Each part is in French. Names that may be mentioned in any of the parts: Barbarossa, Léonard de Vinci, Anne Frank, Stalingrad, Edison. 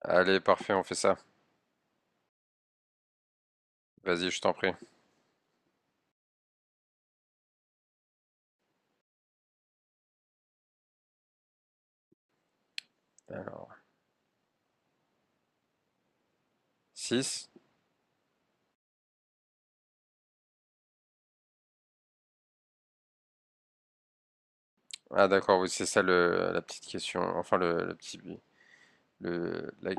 Allez, parfait, on fait ça. Vas-y, je t'en prie. Alors, 6. Ah d'accord, oui, c'est ça la petite question. Enfin, le petit... Le, la-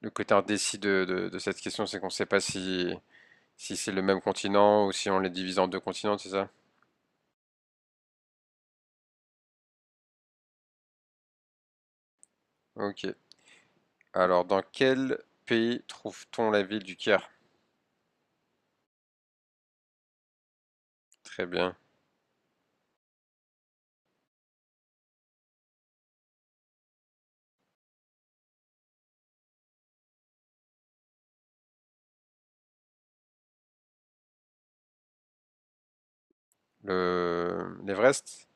le côté indécis de cette question, c'est qu'on ne sait pas si c'est le même continent ou si on les divise en deux continents, c'est ça? Ok. Alors, dans quel pays trouve-t-on la ville du Caire? Très bien. L'Everest?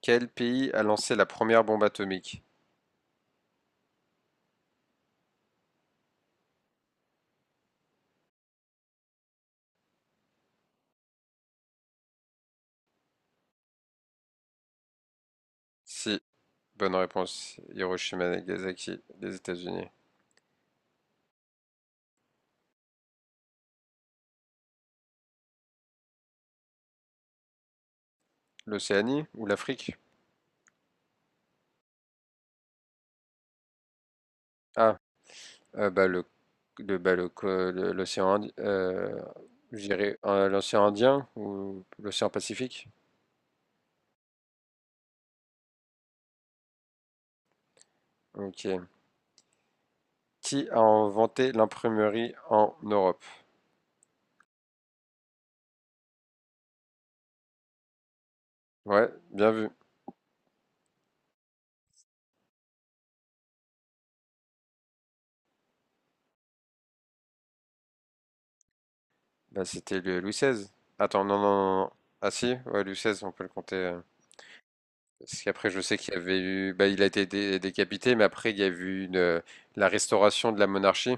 Quel pays a lancé la première bombe atomique? Si, bonne réponse. Hiroshima, Nagasaki, les États-Unis. L'Océanie ou l'Afrique? Ah, bah, bah, le co- le- l'océan, Indi- je dirais, l'océan Indien ou l'océan Pacifique. Ok. Qui a inventé l'imprimerie en Europe? Ouais, bien vu. Bah, c'était le Louis XVI. Attends, non, non, non, non. Ah si, ouais, Louis XVI, on peut le compter. Parce qu'après, je sais qu'il y avait eu, bah, il a été décapité, mais après, il y a eu la restauration de la monarchie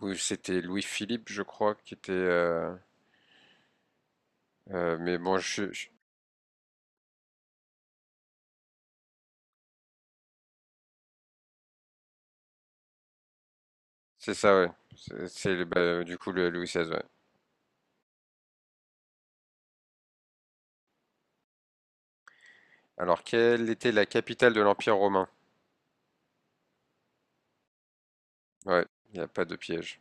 où c'était Louis-Philippe, je crois, qui était. Mais bon, C'est ça, ouais. C'est bah, du coup le Louis XVI, ouais. Alors, quelle était la capitale de l'Empire romain? Ouais, il n'y a pas de piège.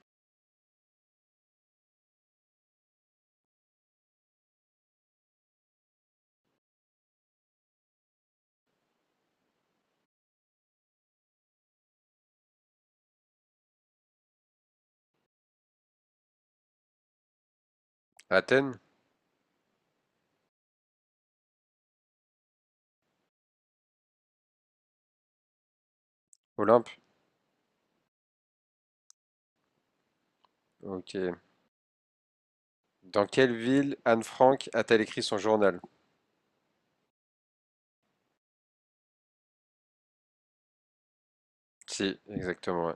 Athènes? Olympe? Ok. Dans quelle ville Anne Frank a-t-elle écrit son journal? Si, exactement, ouais.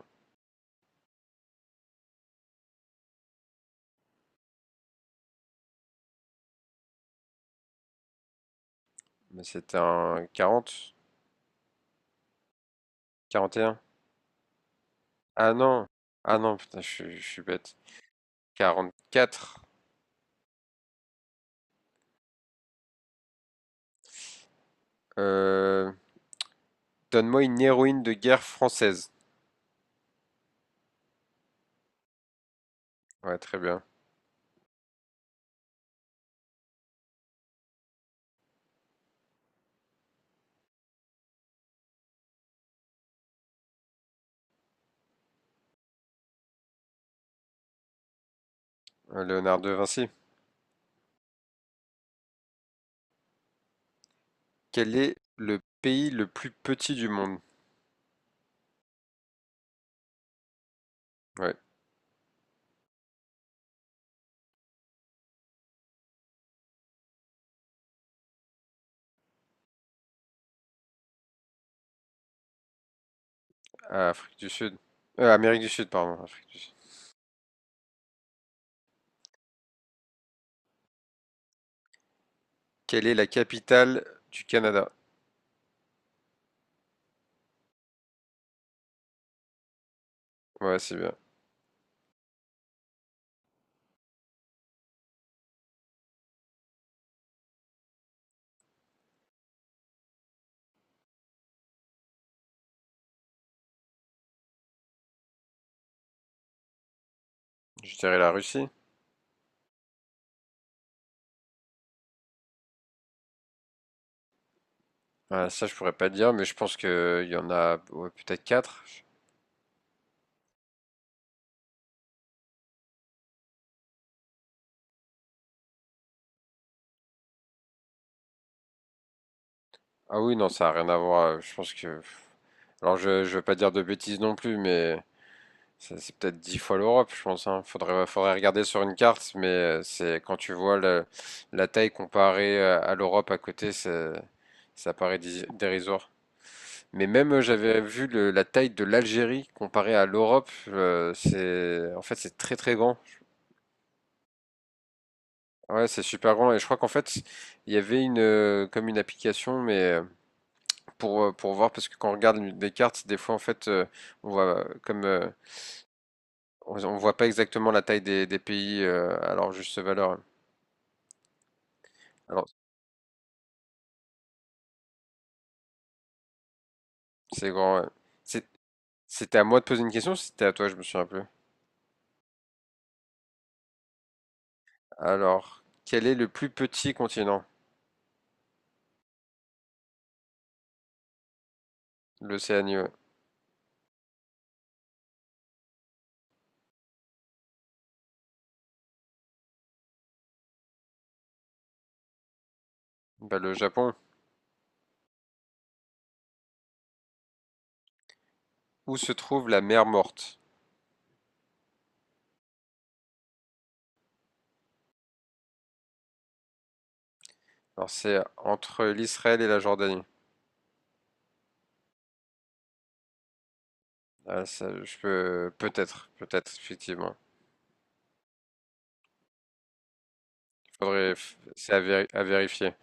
Mais c'était un quarante? Quarante et un. Ah non! Ah non, putain, je suis bête. 44. Euh, Donne-moi une héroïne de guerre française. Ouais, très bien. Léonard de Vinci. Quel est le pays le plus petit du monde? Ouais. Ah, Afrique du Sud. Amérique du Sud, pardon. Afrique du Sud. Quelle est la capitale du Canada? Ouais, c'est bien. Je dirais la Russie. Ah, ça, je pourrais pas dire, mais je pense que il y en a, ouais, peut-être quatre. Ah oui, non, ça a rien à voir. Je pense que. Alors, je veux pas dire de bêtises non plus, mais c'est peut-être dix fois l'Europe, je pense, hein. Faudrait regarder sur une carte, mais c'est quand tu vois la taille comparée à l'Europe à côté, ça paraît dérisoire. Mais même j'avais vu la taille de l'Algérie comparée à l'Europe, c'est, en fait, c'est très très grand. Ouais, c'est super grand et je crois qu'en fait il y avait une, comme une application, mais pour voir, parce que quand on regarde des cartes, des fois en fait, on voit euh, comme euh, on voit pas exactement la taille des pays, alors juste valeur. Alors c'est grand, ouais. C'est- C'était à moi de poser une question, ou c'était à toi, je me souviens plus. Alors, quel est le plus petit continent? L'Océanie, ouais. Bah, le Japon. Où se trouve la mer Morte? Alors c'est entre l'Israël et la Jordanie. Ah, ça, je peux peut-être, peut-être effectivement. Faudrait, c'est à vérifier.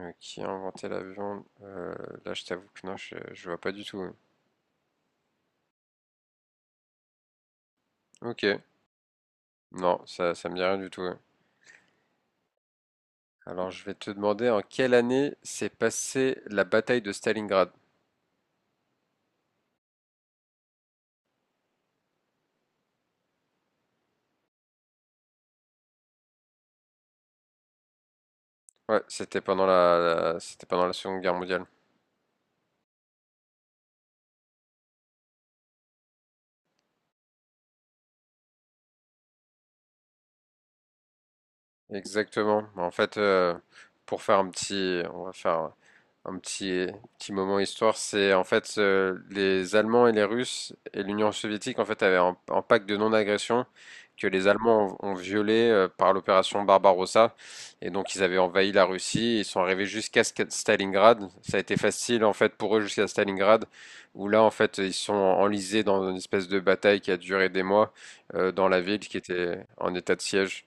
Qui a inventé l'avion? Là, je t'avoue que non, je vois pas du tout, ouais. Ok, non, ça me dit rien du tout, ouais. Alors je vais te demander en quelle année s'est passée la bataille de Stalingrad? Ouais, c'était pendant la Seconde Guerre mondiale. Exactement. Bah, en fait, pour faire un petit, on va faire un petit, petit moment histoire. C'est, en fait, les Allemands et les Russes et l'Union soviétique, en fait, avaient un pacte de non-agression que les Allemands ont violé, par l'opération Barbarossa. Et donc ils avaient envahi la Russie, ils sont arrivés jusqu'à Stalingrad. Ça a été facile, en fait, pour eux jusqu'à Stalingrad, où là, en fait, ils sont enlisés dans une espèce de bataille qui a duré des mois, dans la ville qui était en état de siège.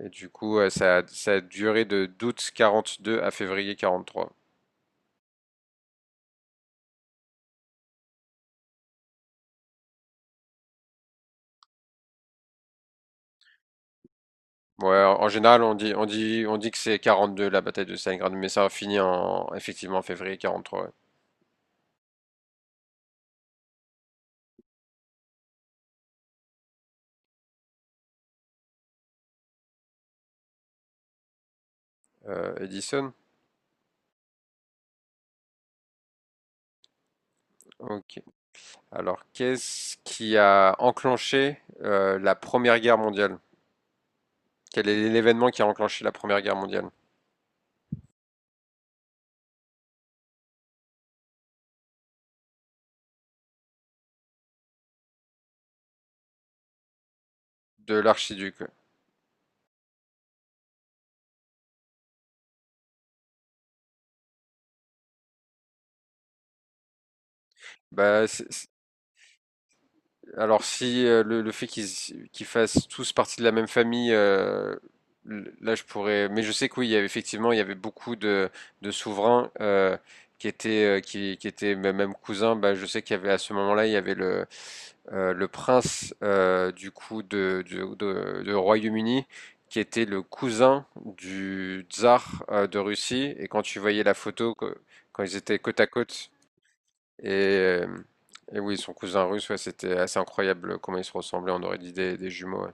Et du coup, ça a duré de d'août 42 à février 43. Ouais, en général, on dit que c'est 42 la bataille de Stalingrad, mais ça a fini effectivement en février 43, ouais. Edison? Ok. Alors, qu'est-ce qui a enclenché, la Première Guerre mondiale? Quel est l'événement qui a enclenché la Première Guerre mondiale? De l'archiduc, ouais. Bah, c'est Alors si, le fait qu'ils fassent tous partie de la même famille, là je pourrais. Mais je sais que oui, il y avait effectivement, il y avait beaucoup de souverains, qui étaient même cousins. Bah, je sais qu'il y avait à ce moment-là, il y avait le prince, du coup de Royaume-Uni qui était le cousin du tsar, de Russie. Et quand tu voyais la photo quand ils étaient côte à côte. Et, euh, et oui, son cousin russe, ouais, c'était assez incroyable comment ils se ressemblaient. On aurait dit des jumeaux. Ouais,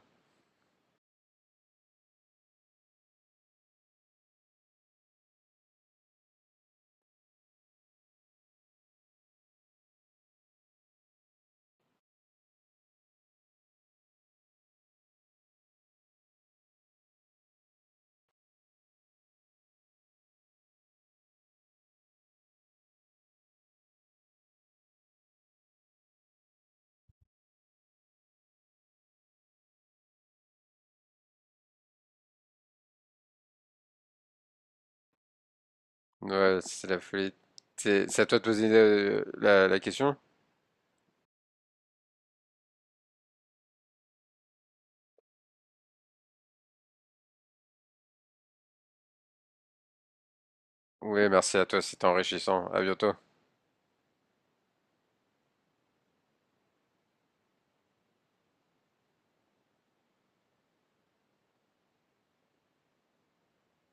ouais, c'est la folie. C'est à toi de poser, la question? Oui, merci à toi, c'était enrichissant. À bientôt.